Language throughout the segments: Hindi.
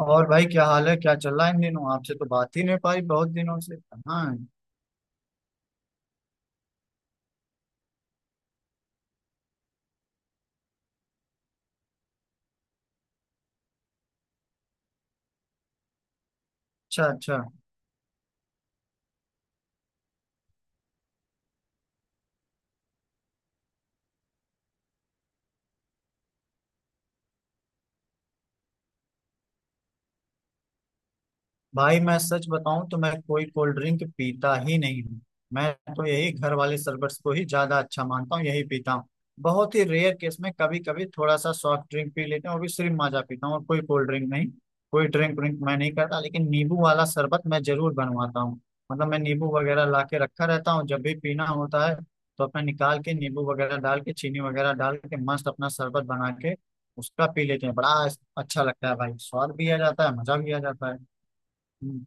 और भाई क्या हाल है, क्या चल रहा है इन दिनों? आपसे तो बात ही नहीं हो पाई बहुत दिनों से। हाँ। अच्छा अच्छा। भाई मैं सच बताऊं तो मैं कोई कोल्ड ड्रिंक पीता ही नहीं हूँ। मैं तो यही घर वाले शरबत को ही ज्यादा अच्छा मानता हूँ, यही पीता हूँ। बहुत ही रेयर केस में कभी कभी थोड़ा सा सॉफ्ट ड्रिंक पी लेते हैं, वो भी सिर्फ माजा पीता हूँ, और कोई कोल्ड ड्रिंक नहीं। कोई ड्रिंक व्रिंक मैं नहीं करता, लेकिन नींबू वाला शरबत मैं जरूर बनवाता हूँ। मतलब मैं नींबू वगैरह ला के रखा रहता हूँ, जब भी पीना होता है तो अपना निकाल के नींबू वगैरह डाल के चीनी वगैरह डाल के मस्त अपना शरबत बना के उसका पी लेते हैं। बड़ा अच्छा लगता है भाई, स्वाद भी आ जाता है, मजा भी आ जाता है। हम्म।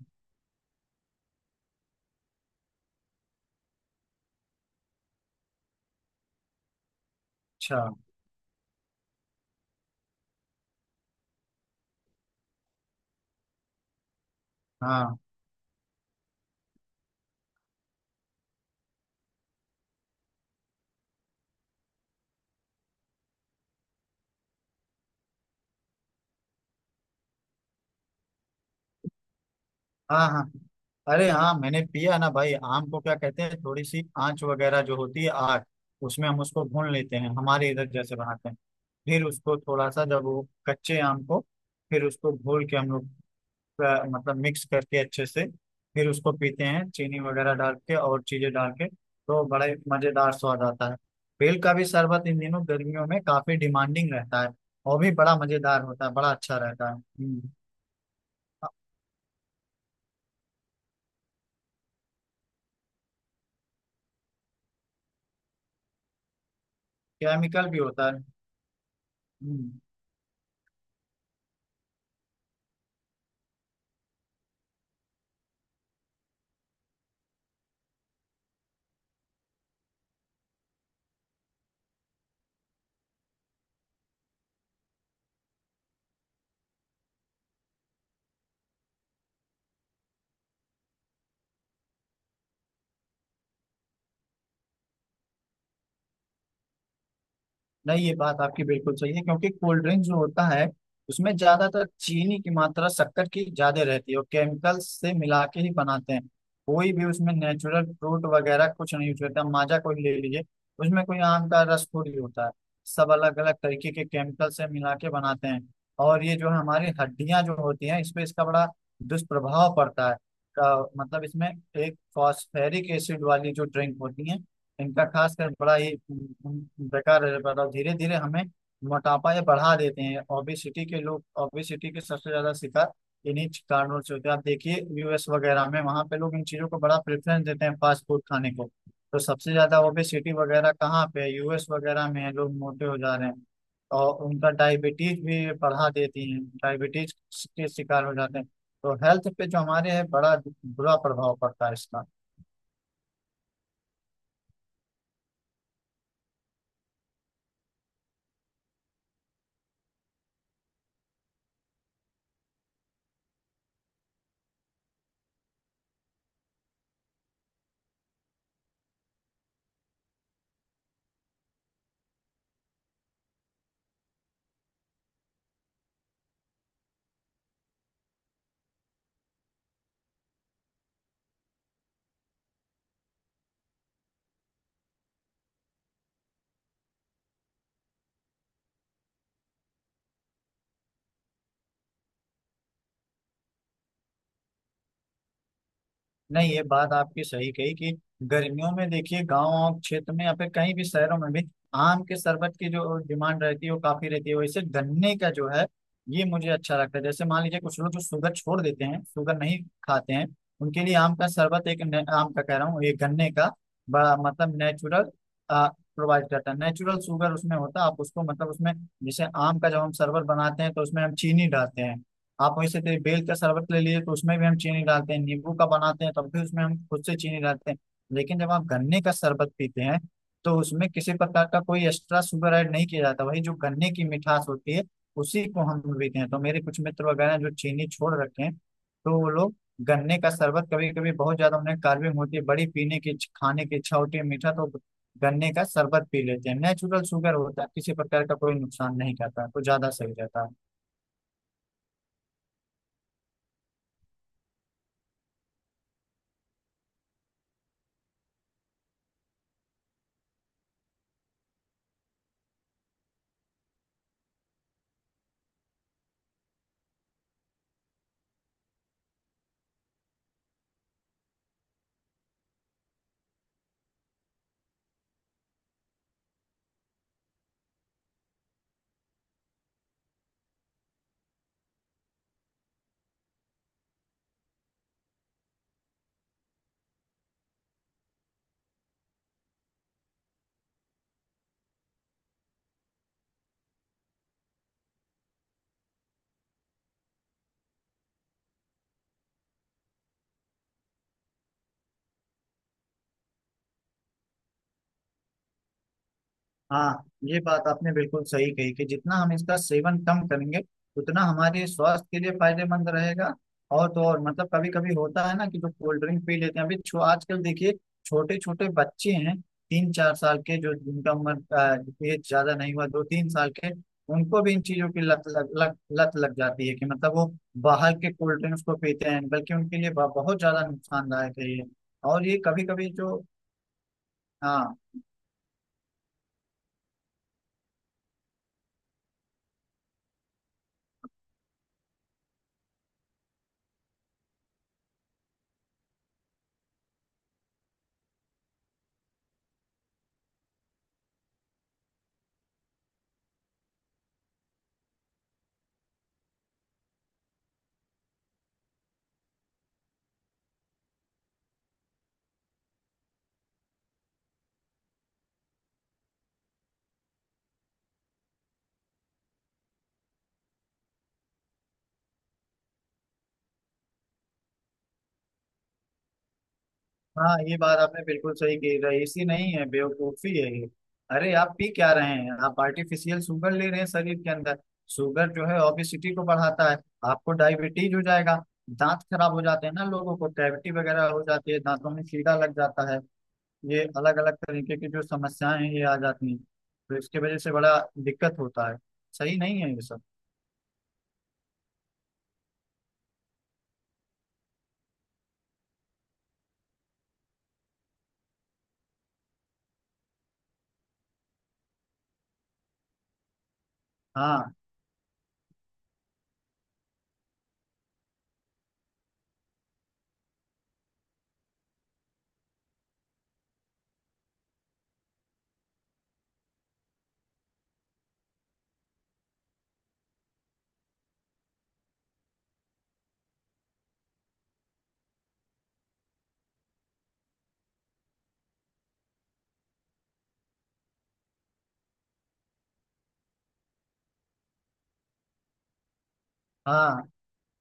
अच्छा। हाँ हाँ। हाँ अरे हाँ, मैंने पिया ना भाई। आम को क्या कहते हैं, थोड़ी सी आंच वगैरह जो होती है, आग, उसमें हम उसको भून लेते हैं, हमारे इधर जैसे बनाते हैं। फिर उसको थोड़ा सा जब वो कच्चे आम को फिर उसको घोल के हम लोग मतलब मिक्स करके अच्छे से फिर उसको पीते हैं चीनी वगैरह डाल के और चीजें डाल के तो बड़े मजेदार स्वाद आता है। बेल का भी शरबत इन दिनों गर्मियों में काफी डिमांडिंग रहता है। और भी बड़ा मजेदार होता है, बड़ा अच्छा रहता है। हम्म। केमिकल भी होता है। हम्म। नहीं, ये बात आपकी बिल्कुल सही है, क्योंकि कोल्ड ड्रिंक जो होता है उसमें ज्यादातर चीनी की मात्रा, शक्कर की ज्यादा रहती है, और केमिकल्स से मिला के ही बनाते हैं। कोई भी उसमें नेचुरल फ्रूट वगैरह कुछ नहीं यूज करता। माजा कोई ले लीजिए, उसमें कोई आम का रस थोड़ी होता है। सब अलग अलग तरीके के केमिकल से मिला के बनाते हैं। और ये जो है हमारी हड्डियां जो होती हैं इस पे इसका बड़ा दुष्प्रभाव पड़ता है। मतलब इसमें एक फॉस्फेरिक एसिड वाली जो ड्रिंक होती है इनका खासकर बड़ा ही बेकार है। बड़ा धीरे धीरे हमें मोटापा ये बढ़ा देते हैं। ओबेसिटी के लोग ओबेसिटी के सबसे ज्यादा शिकार इन्हीं कारणों से होते हैं। आप देखिए यूएस वगैरह में वहाँ पे लोग इन चीजों को बड़ा प्रेफरेंस देते हैं फास्ट फूड खाने को। तो सबसे ज्यादा ओबेसिटी वगैरह कहाँ पे है? यूएस वगैरह में है, लोग मोटे हो जा रहे हैं। और उनका डायबिटीज भी बढ़ा देती है। डायबिटीज के शिकार हो जाते हैं। तो हेल्थ पे जो हमारे है बड़ा बुरा प्रभाव पड़ता है इसका। नहीं, ये बात आपकी सही कही कि गर्मियों में देखिए गांव और क्षेत्र में या फिर कहीं भी शहरों में भी आम के शरबत की जो डिमांड रहती है वो काफी रहती है। वैसे गन्ने का जो है ये मुझे अच्छा लगता है। जैसे मान लीजिए कुछ लोग जो शुगर छोड़ देते हैं, शुगर नहीं खाते हैं, उनके लिए आम का शरबत एक आम का कह रहा हूँ, ये गन्ने का बड़ा मतलब नेचुरल प्रोवाइड करता है। नेचुरल शुगर उसमें होता है। आप उसको मतलब उसमें जैसे आम का जब हम शरबत बनाते हैं तो उसमें हम चीनी डालते हैं। आप वैसे थे बेल का शरबत ले लिए तो उसमें भी हम चीनी डालते हैं। नींबू का बनाते हैं तब भी उसमें हम खुद से चीनी डालते हैं। लेकिन जब आप गन्ने का शरबत पीते हैं तो उसमें किसी प्रकार का कोई एक्स्ट्रा शुगर ऐड नहीं किया जाता। वही जो गन्ने की मिठास होती है उसी को हम पीते हैं। तो मेरे कुछ मित्र वगैरह जो चीनी छोड़ रखे हैं, तो वो लोग गन्ने का शरबत, कभी कभी बहुत ज्यादा उन्हें कार्बिंग होती है, बड़ी पीने की खाने की इच्छा होती है मीठा, तो गन्ने का शरबत पी लेते हैं। नेचुरल शुगर होता है, किसी प्रकार का कोई नुकसान नहीं करता, तो ज्यादा सही रहता है। हाँ, ये बात आपने बिल्कुल सही कही कि जितना हम इसका सेवन कम करेंगे उतना हमारे स्वास्थ्य के लिए फायदेमंद रहेगा। और तो और मतलब कभी कभी होता है ना कि जो कोल्ड ड्रिंक पी लेते हैं। अभी छो आजकल देखिए छोटे छोटे बच्चे हैं 3-4 साल के जो, जिनका उम्र एज ज्यादा नहीं हुआ, 2-3 साल के, उनको भी इन चीजों की लत लग जाती है कि मतलब वो बाहर के कोल्ड ड्रिंक्स को पीते हैं। बल्कि उनके लिए बहुत ज्यादा नुकसानदायक है ये। और ये कभी कभी जो। हाँ। हाँ, ये बात आपने बिल्कुल सही कही, रईसी नहीं है, बेवकूफी है ये। अरे आप पी क्या रहे हैं? आप आर्टिफिशियल शुगर ले रहे हैं शरीर के अंदर। शुगर जो है ओबेसिटी को बढ़ाता है। आपको डायबिटीज हो जाएगा। दांत खराब हो जाते हैं ना लोगों को, कैविटी वगैरह हो जाती है, दांतों में कीड़ा लग जाता है। ये अलग अलग तरीके की जो समस्याएं हैं ये आ जाती हैं। तो इसकी वजह से बड़ा दिक्कत होता है। सही नहीं है ये सब। हाँ हाँ।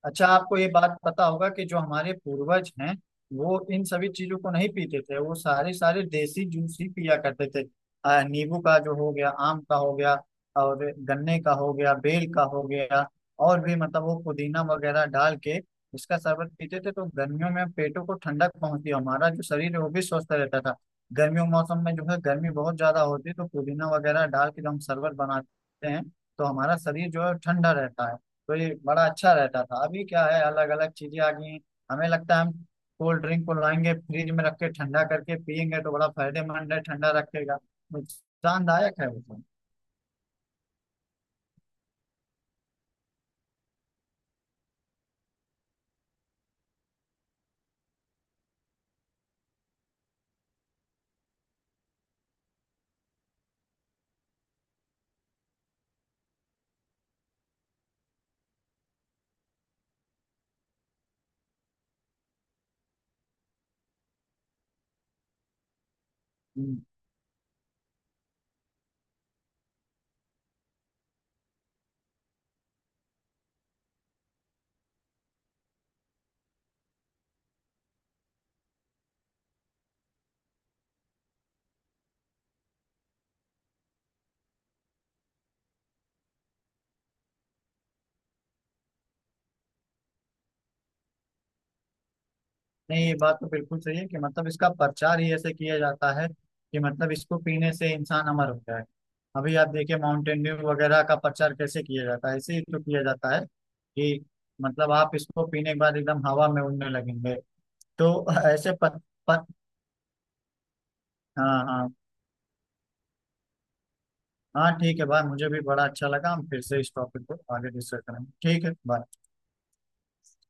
अच्छा आपको ये बात पता होगा कि जो हमारे पूर्वज हैं वो इन सभी चीजों को नहीं पीते थे। वो सारे सारे देसी जूस ही पिया करते थे। नींबू का जो हो गया, आम का हो गया और गन्ने का हो गया, बेल का हो गया, और भी मतलब वो पुदीना वगैरह डाल के इसका शरबत पीते थे। तो गर्मियों में पेटों को ठंडक पहुंचती और हमारा जो शरीर है वो भी स्वस्थ रहता था। गर्मियों के मौसम में जो है गर्मी बहुत ज्यादा होती है तो पुदीना वगैरह डाल के जो हम शरबत बनाते हैं तो हमारा शरीर जो है ठंडा रहता है। तो ये बड़ा अच्छा रहता था। अभी क्या है, अलग अलग चीजें आ गई हैं। हमें लगता है हम कोल्ड ड्रिंक को लाएंगे फ्रिज में रख के ठंडा करके पियेंगे तो बड़ा फायदेमंद है, ठंडा रखेगा। नुकसानदायक है वो तो। हम्म। नहीं, ये बात तो बिल्कुल सही है कि मतलब इसका प्रचार ही ऐसे किया जाता है कि मतलब इसको पीने से इंसान अमर हो जाए। अभी आप देखिए माउंटेन ड्यू वगैरह का प्रचार कैसे किया जाता है, ऐसे ही तो किया जाता है कि मतलब आप इसको पीने के बाद एकदम हवा में उड़ने लगेंगे। तो ऐसे प, प, हाँ हाँ। हाँ ठीक है भाई, मुझे भी बड़ा अच्छा लगा। हम फिर से इस टॉपिक को आगे डिस्कस करेंगे। ठीक है बाय।